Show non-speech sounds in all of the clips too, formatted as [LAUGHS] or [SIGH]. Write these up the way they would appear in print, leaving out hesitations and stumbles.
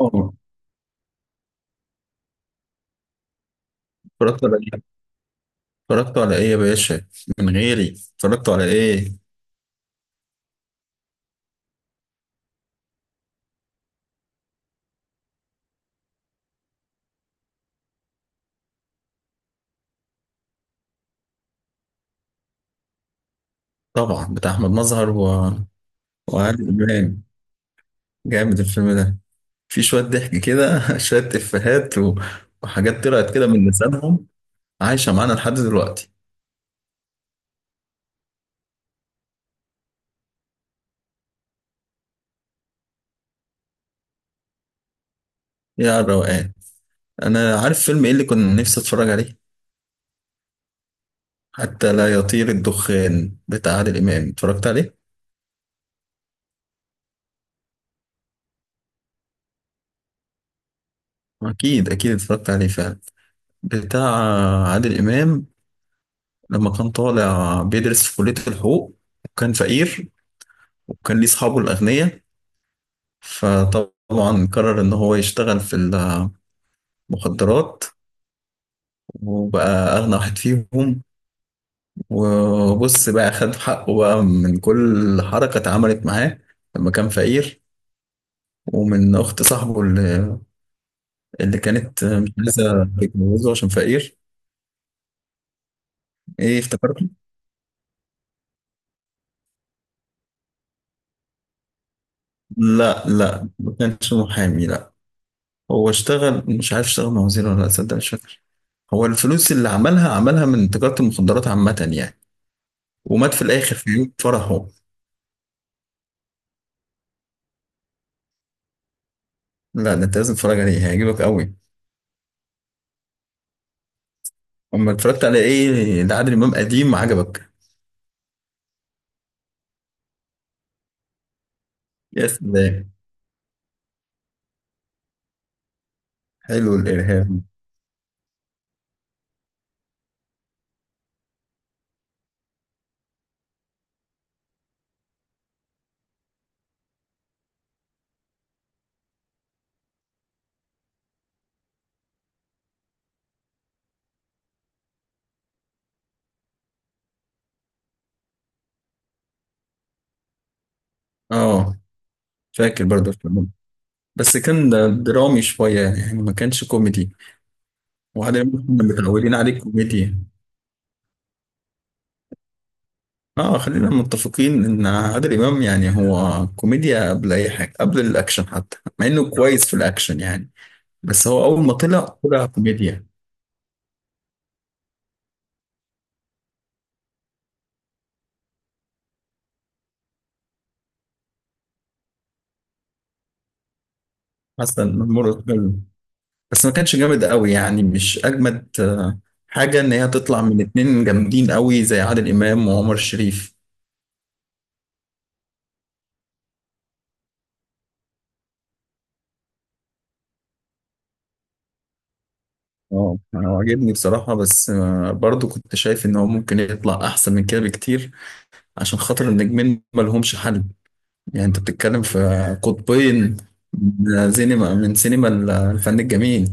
اه، اتفرجت على ايه؟ اتفرجت على ايه يا باشا؟ من غيري، اتفرجت على ايه؟ طبعا بتاع احمد مظهر و... وعادل امام. جامد الفيلم ده. في شويه ضحك كده [LAUGHS] شويه افيهات و... وحاجات طلعت كده من لسانهم عايشه معانا لحد دلوقتي. يا الروقان، انا عارف فيلم ايه اللي كنت نفسي اتفرج عليه؟ حتى لا يطير الدخان بتاع عادل امام، اتفرجت عليه؟ اكيد اكيد اتفرجت عليه فعلا. بتاع عادل امام لما كان طالع بيدرس في كلية الحقوق، وكان فقير، وكان ليه أصحابه الأغنياء. فطبعا قرر إن هو يشتغل في المخدرات، وبقى أغنى واحد فيهم. وبص بقى خد حقه بقى من كل حركة اتعملت معاه لما كان فقير، ومن أخت صاحبه اللي كانت مش عايزة تتجوزه عشان فقير. إيه افتكرته؟ لا لا، ما كانش محامي، لا. هو اشتغل، مش عارف اشتغل مع وزير ولا لا، تصدق مش فاكر. هو الفلوس اللي عملها عملها من تجارة المخدرات عامة يعني، ومات في الآخر في يوم فرحه. لا ده أنت لازم تتفرج عليه، هيعجبك قوي. أما اتفرجت على إيه لعادل إمام قديم عجبك؟ يا سلام. حلو الإرهاب. آه، فاكر برضه الفيلم. بس كان ده درامي شوية يعني، ما كانش كوميدي. وعادل إمام كنا متعودين عليه كوميديا. اه، خلينا متفقين ان عادل امام يعني هو كوميديا قبل اي حاجه، قبل الاكشن، حتى مع انه كويس في الاكشن يعني. بس هو اول ما طلع طلع كوميديا. حسن مرة فيلم، بس ما كانش جامد قوي يعني، مش اجمد حاجه ان هي تطلع من اتنين جامدين قوي زي عادل امام وعمر الشريف. اه، انا عاجبني بصراحه، بس برضو كنت شايف ان هو ممكن يطلع احسن من كده بكتير. عشان خاطر النجمين ما لهمش حل. يعني انت بتتكلم في قطبين، من سينما، من سينما الفن الجميل.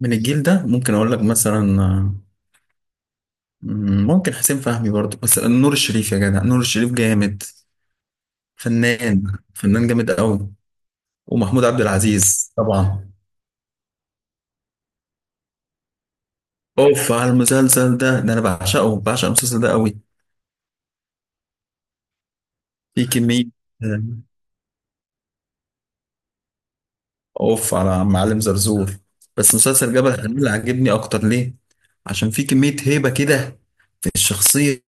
من الجيل ده ممكن اقول لك مثلا، ممكن حسين فهمي برضه، بس نور الشريف يا جدع، نور الشريف جامد. فنان، فنان جامد قوي. ومحمود عبد العزيز طبعا. اوف على المسلسل ده، ده انا بعشقه، بعشق المسلسل ده قوي. في كمية آه، اوف على معلم زرزور. بس مسلسل جبل حلمية عجبني اكتر. ليه؟ عشان في كمية هيبة كده في الشخصية.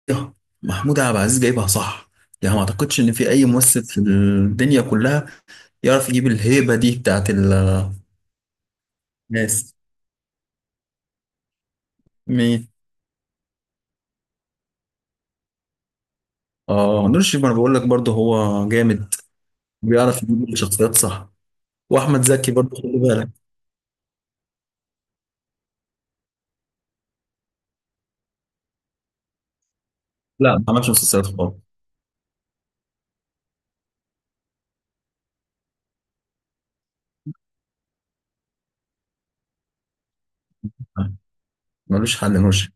محمود عبد العزيز جايبها صح. يعني ما اعتقدش ان في اي ممثل في الدنيا كلها يعرف يجيب الهيبة دي بتاعت الناس. مين؟ اه نور الشريف، ما انا بقول لك برضه هو جامد. بيعرف يجيب الشخصيات صح. واحمد زكي برضه خلي بالك. لا ما عملش مسلسلات خالص. آه، ملوش حل نور الشريف.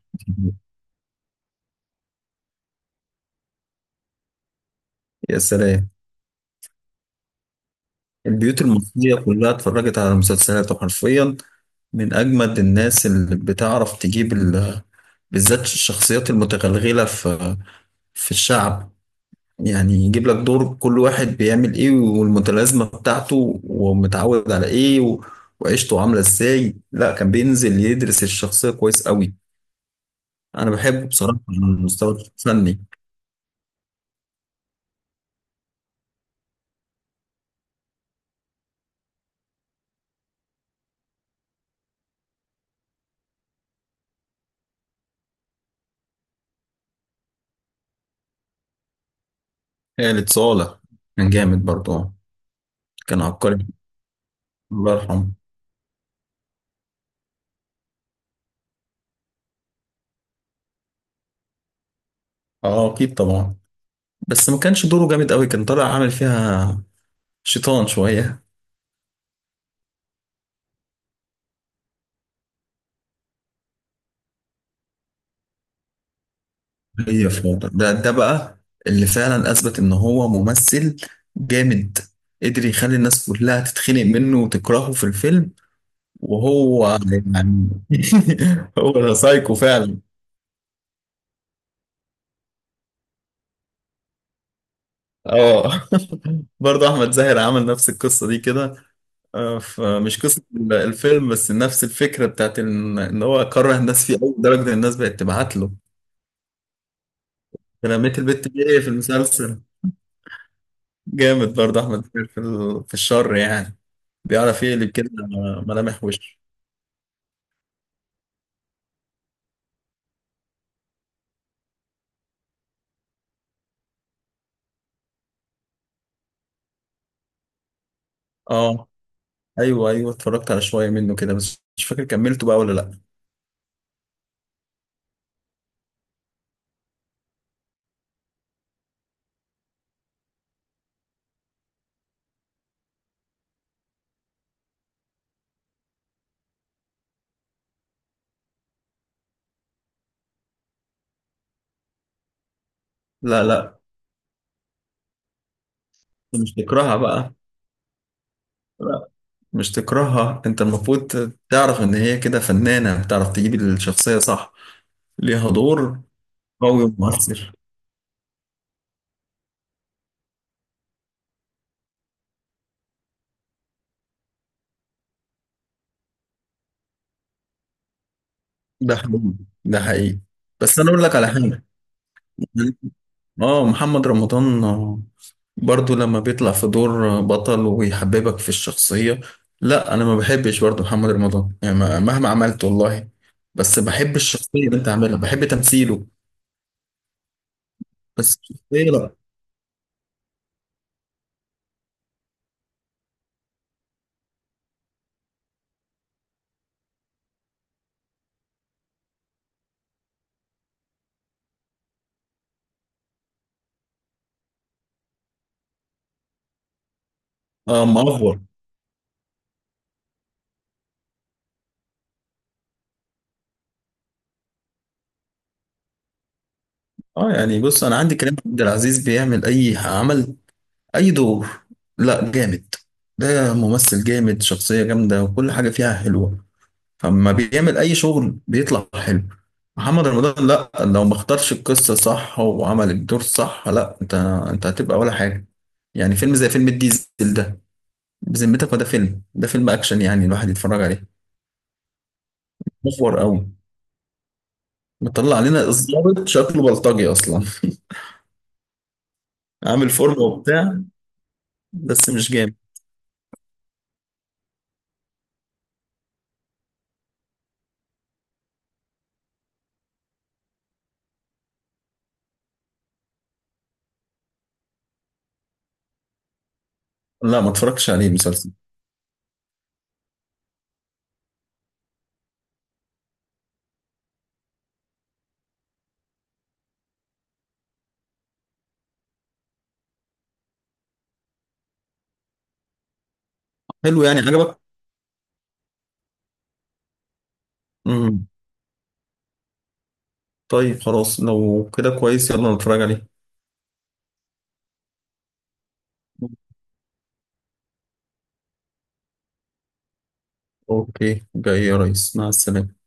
يا سلام. البيوت المصرية كلها اتفرجت على مسلسلاته حرفيا. من أجمد الناس اللي بتعرف تجيب ال... بالذات الشخصيات المتغلغلة في في الشعب. يعني يجيب لك دور كل واحد بيعمل إيه، والمتلازمة بتاعته، ومتعود على إيه و... وعيشته عاملة إزاي. لا كان بينزل يدرس الشخصية كويس قوي. أنا بحبه بصراحة على المستوى الفني. خالد صالح كان جامد برضه، كان عبقري، الله يرحمه. اه اكيد طبعا. بس ما كانش دوره جامد قوي، كان طالع عامل فيها شيطان شوية. هي فاضل ده، ده بقى اللي فعلا اثبت ان هو ممثل جامد. قدر يخلي الناس كلها تتخنق منه وتكرهه في الفيلم، وهو يعني [LAUGHS] هو ده سايكو فعلا. اه [LAUGHS] برضه احمد زاهر عمل نفس القصه دي كده. فمش قصه الفيلم، بس نفس الفكره بتاعت ان إن هو كره الناس فيه قوي لدرجه ان الناس بقت تبعت له. رميت البت دي في المسلسل، جامد برضه احمد زاهر في في الشر يعني. بيعرف يقلب كده ملامح وش. اه ايوه ايوه، اتفرجت على شويه منه كده، بس مش فاكر كملته بقى ولا لا. لا لا، مش تكرهها بقى. لا مش تكرهها، انت المفروض تعرف ان هي كده فنانه، بتعرف تجيب الشخصيه صح. ليها دور قوي ومؤثر. ده حقيقي، ده حقيقي. بس انا اقول لك على حاجه. اه محمد رمضان، برضو لما بيطلع في دور بطل ويحببك في الشخصية. لا انا ما بحبش برضو محمد رمضان يعني، مهما عملت والله. بس بحب الشخصية اللي انت عاملها، بحب تمثيله. بس الشخصية لا. اه مأفور. اه يعني بص، انا عندي كريم عبد العزيز بيعمل اي عمل، اي دور. لا جامد، ده ممثل جامد، شخصية جامدة وكل حاجة فيها حلوة. فلما بيعمل اي شغل بيطلع حلو. محمد رمضان لا، لو ما اختارش القصه صح وعمل الدور صح، لا انت، انت هتبقى ولا حاجه. يعني فيلم زي فيلم الديزل ده، بذمتك ما ده فيلم؟ ده فيلم اكشن يعني الواحد يتفرج عليه. محور قوي، مطلع علينا الضابط شكله بلطجي اصلا. [LAUGHS] عامل فورمه وبتاع، بس مش جامد. لا ما اتفرجتش عليه المسلسل. حلو يعني عجبك؟ امم طيب خلاص، لو كده كويس يلا نتفرج عليه. اوكي جاي يا ريس، مع السلامه.